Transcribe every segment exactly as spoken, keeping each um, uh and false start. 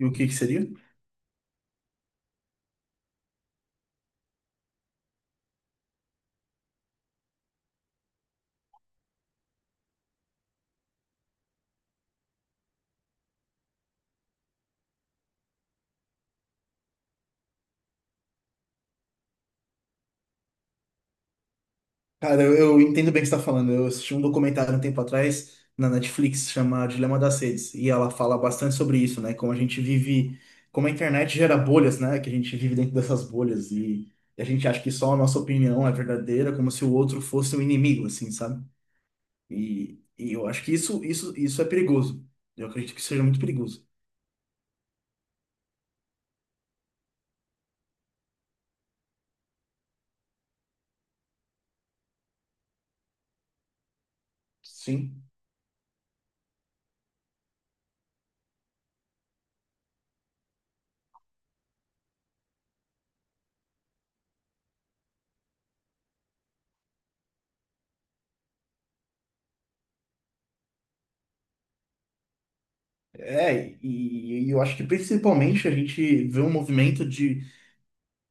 E o que que seria? Cara, eu, eu entendo bem o que você está falando. Eu assisti um documentário um tempo atrás na Netflix, chama Dilema das Redes, e ela fala bastante sobre isso, né? Como a gente vive, como a internet gera bolhas, né? Que a gente vive dentro dessas bolhas e a gente acha que só a nossa opinião é verdadeira, como se o outro fosse um inimigo, assim, sabe? E, e eu acho que isso, isso, isso é perigoso. Eu acredito que seja muito perigoso. Sim. É, e, e eu acho que principalmente a gente vê um movimento de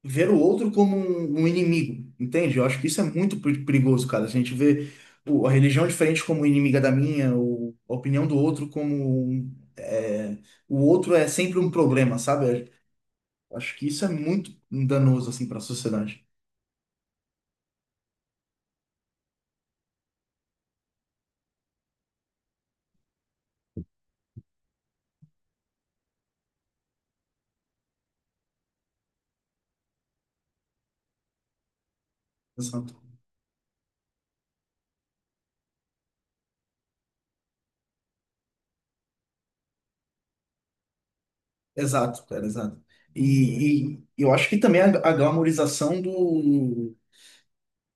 ver o outro como um, um inimigo, entende? Eu acho que isso é muito per- perigoso, cara. Se a gente vê o- a religião diferente como inimiga da minha, ou a opinião do outro como um- é, o outro é sempre um problema, sabe? Eu acho que isso é muito danoso assim para a sociedade. Exato, exato, cara, exato. E, e eu acho que também a, a glamorização do,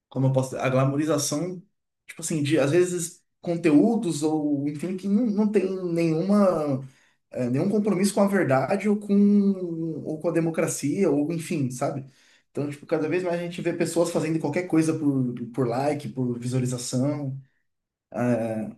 como eu posso dizer? A glamorização, tipo assim, de às vezes conteúdos ou enfim que não, não tem nenhuma é, nenhum compromisso com a verdade ou com, ou com a democracia, ou enfim, sabe? Então, tipo, cada vez mais a gente vê pessoas fazendo qualquer coisa por, por like, por visualização. É,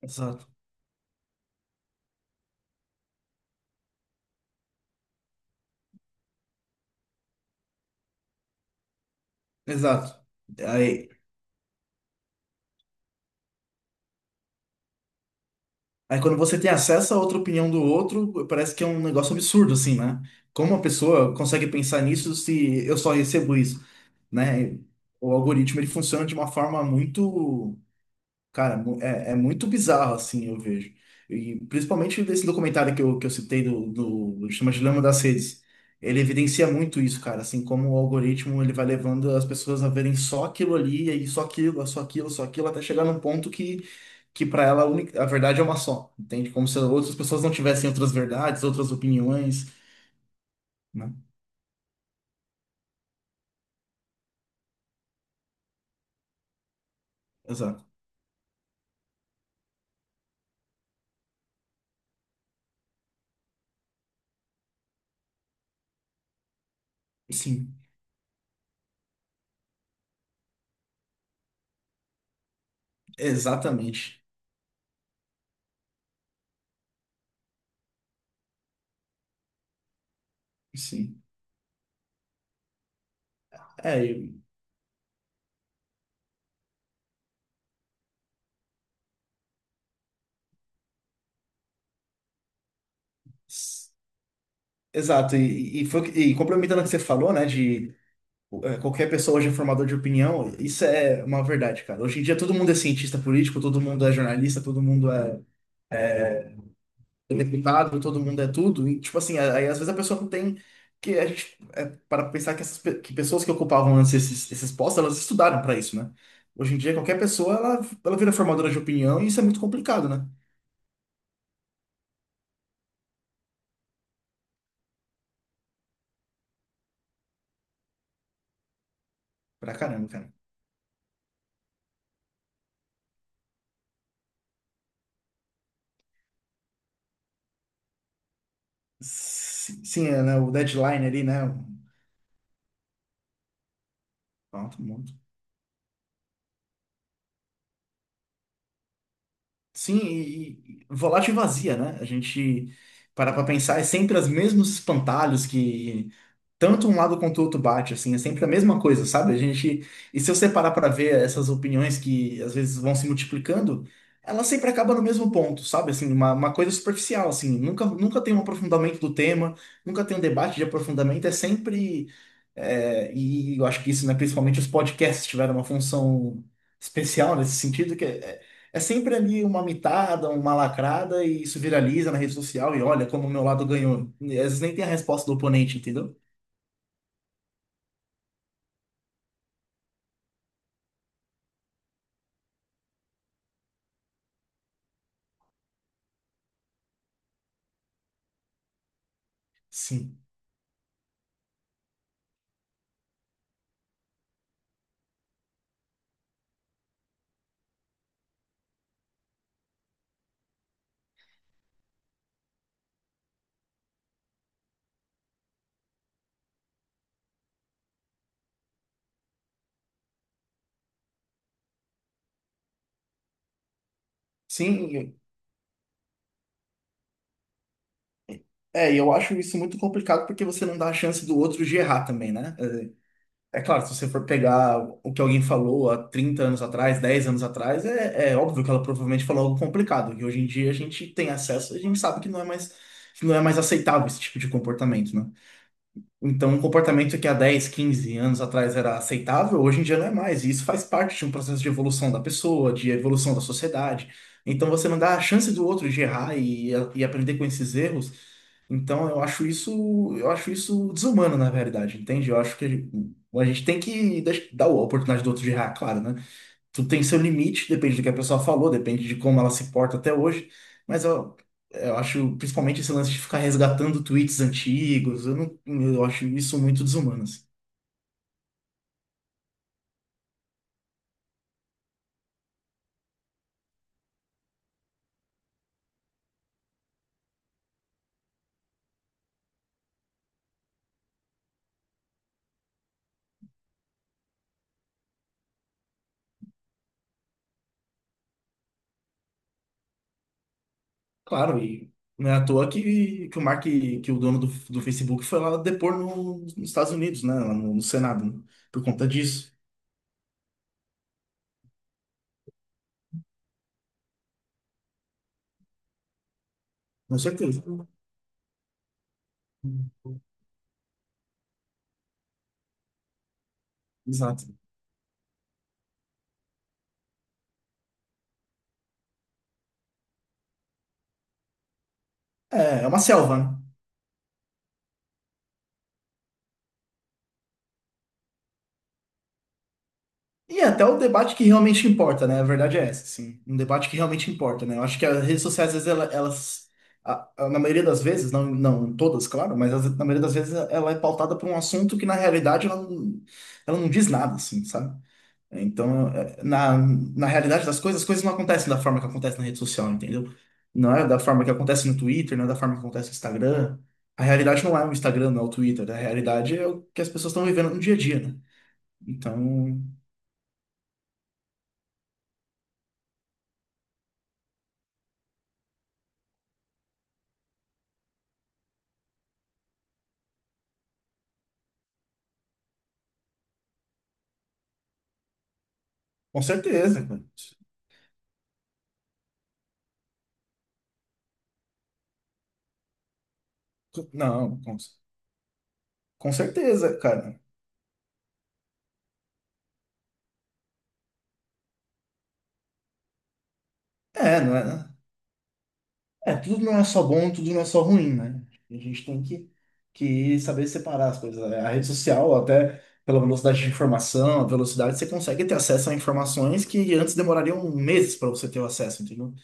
exato, exato. Aí, aí quando você tem acesso a outra opinião do outro, parece que é um negócio absurdo, assim, né? Como uma pessoa consegue pensar nisso se eu só recebo isso, né? O algoritmo, ele funciona de uma forma muito... Cara, mu- é, é muito bizarro, assim, eu vejo. E principalmente desse documentário que eu, que eu citei, do, do, do chama Dilema das Redes. Ele evidencia muito isso, cara, assim, como o algoritmo ele vai levando as pessoas a verem só aquilo ali, e aí só aquilo, só aquilo, só aquilo, até chegar num ponto que, que para ela a, única- a verdade é uma só, entende? Como se outras pessoas não tivessem outras verdades, outras opiniões, né? Exato. Sim, exatamente. Sim. É, eu- s- Exato, e, e, foi, o que- e complementando o que você falou, né, de é, qualquer pessoa hoje é formador de opinião, isso é uma verdade, cara. Hoje em dia todo mundo é cientista político, todo mundo é jornalista, todo mundo é deputado, todo mundo é tudo. E, tipo assim, aí às vezes a pessoa não tem. Que a gente, para pensar que, essas, pe- que pessoas que ocupavam antes esses, esses postos, elas estudaram para isso, né? Hoje em dia qualquer pessoa, ela, ela vira formadora de opinião e isso é muito complicado, né? Pra caramba, cara. Sim, sim, é, né? O deadline ali, né? Pronto, sim, e, e volátil e vazia, né? A gente parar pra pensar, é sempre os mesmos espantalhos que tanto um lado quanto o outro bate, assim, é sempre a mesma coisa, sabe? A gente, e se eu separar para ver essas opiniões que às vezes vão se multiplicando, ela sempre acaba no mesmo ponto, sabe? Assim, uma, uma coisa superficial, assim, nunca, nunca tem um aprofundamento do tema, nunca tem um debate de aprofundamento, é sempre, é, e eu acho que isso, né, principalmente os podcasts tiveram uma função especial nesse sentido, que é, é é sempre ali uma mitada, uma lacrada, e isso viraliza na rede social, e olha como o meu lado ganhou. E às vezes nem tem a resposta do oponente, entendeu? Sim. Sim, é, e eu acho isso muito complicado porque você não dá a chance do outro de errar também, né? É, é claro, se você for pegar o que alguém falou há trinta anos atrás, dez anos atrás, é, é óbvio que ela provavelmente falou algo complicado, que hoje em dia a gente tem acesso, a gente sabe que não é mais, que não é mais aceitável esse tipo de comportamento, né? Então, um comportamento que há dez, quinze anos atrás era aceitável, hoje em dia não é mais. E isso faz parte de um processo de evolução da pessoa, de evolução da sociedade. Então, você não dá a chance do outro de errar e, e aprender com esses erros. Então, eu acho isso, eu acho isso desumano, na verdade, entende? Eu acho que a gente tem que deix- dar a oportunidade do outro de errar, claro, né? Tudo tem seu limite, depende do que a pessoa falou, depende de como ela se porta até hoje, mas eu, eu acho, principalmente esse lance de ficar resgatando tweets antigos, eu não, eu acho isso muito desumano, assim. Claro, e não é à toa que, que o Mark, que o dono do, do Facebook foi lá depor no- nos Estados Unidos, né, lá no, no Senado, né, por conta disso, com certeza. Exato. É, é uma selva, né? E até o debate que realmente importa, né? A verdade é essa, assim. Um debate que realmente importa, né? Eu acho que as redes sociais, às vezes, ela- elas, a- a- na maioria das vezes, não, não todas, claro, mas às- na maioria das vezes ela é pautada por um assunto que, na realidade, ela não, ela não diz nada, assim, sabe? Então, é, na, na realidade das coisas, as coisas não acontecem da forma que acontece na rede social, entendeu? Não é da forma que acontece no Twitter, não é da forma que acontece no Instagram. A realidade não é o Instagram, não é o Twitter. A realidade é o que as pessoas estão vivendo no dia a dia, né? Então. Com certeza, cara. Não, com, com certeza, cara. É, não é, é, tudo não é só bom, tudo não é só ruim, né? A gente tem que, que saber separar as coisas. Né? A rede social, até pela velocidade de informação, a velocidade, você consegue ter acesso a informações que antes demorariam meses para você ter o acesso, entendeu?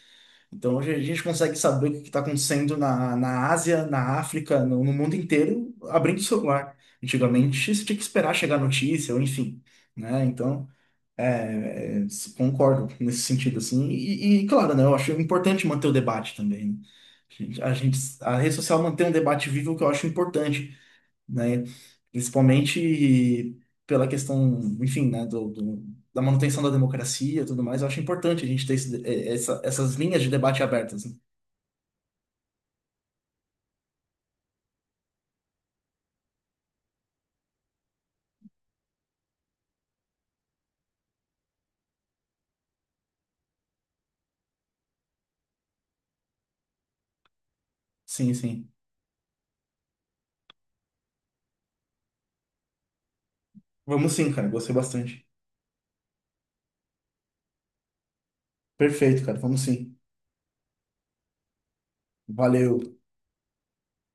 Então, hoje a gente consegue saber o que está acontecendo na, na Ásia, na África, no, no mundo inteiro, abrindo o celular. Antigamente, você tinha que esperar chegar a notícia, ou enfim, né? Então. É, é, concordo nesse sentido, assim. E, e, claro, né, eu acho importante manter o debate também. Né? A gente, a gente- a rede social mantém um debate vivo que eu acho importante, né? Principalmente pela questão, enfim, né, do, do- da manutenção da democracia e tudo mais. Eu acho importante a gente ter esse- eh, essa- essas linhas de debate abertas. Né? Sim, sim. Vamos sim, cara. Gostei bastante. Perfeito, cara. Vamos sim. Valeu.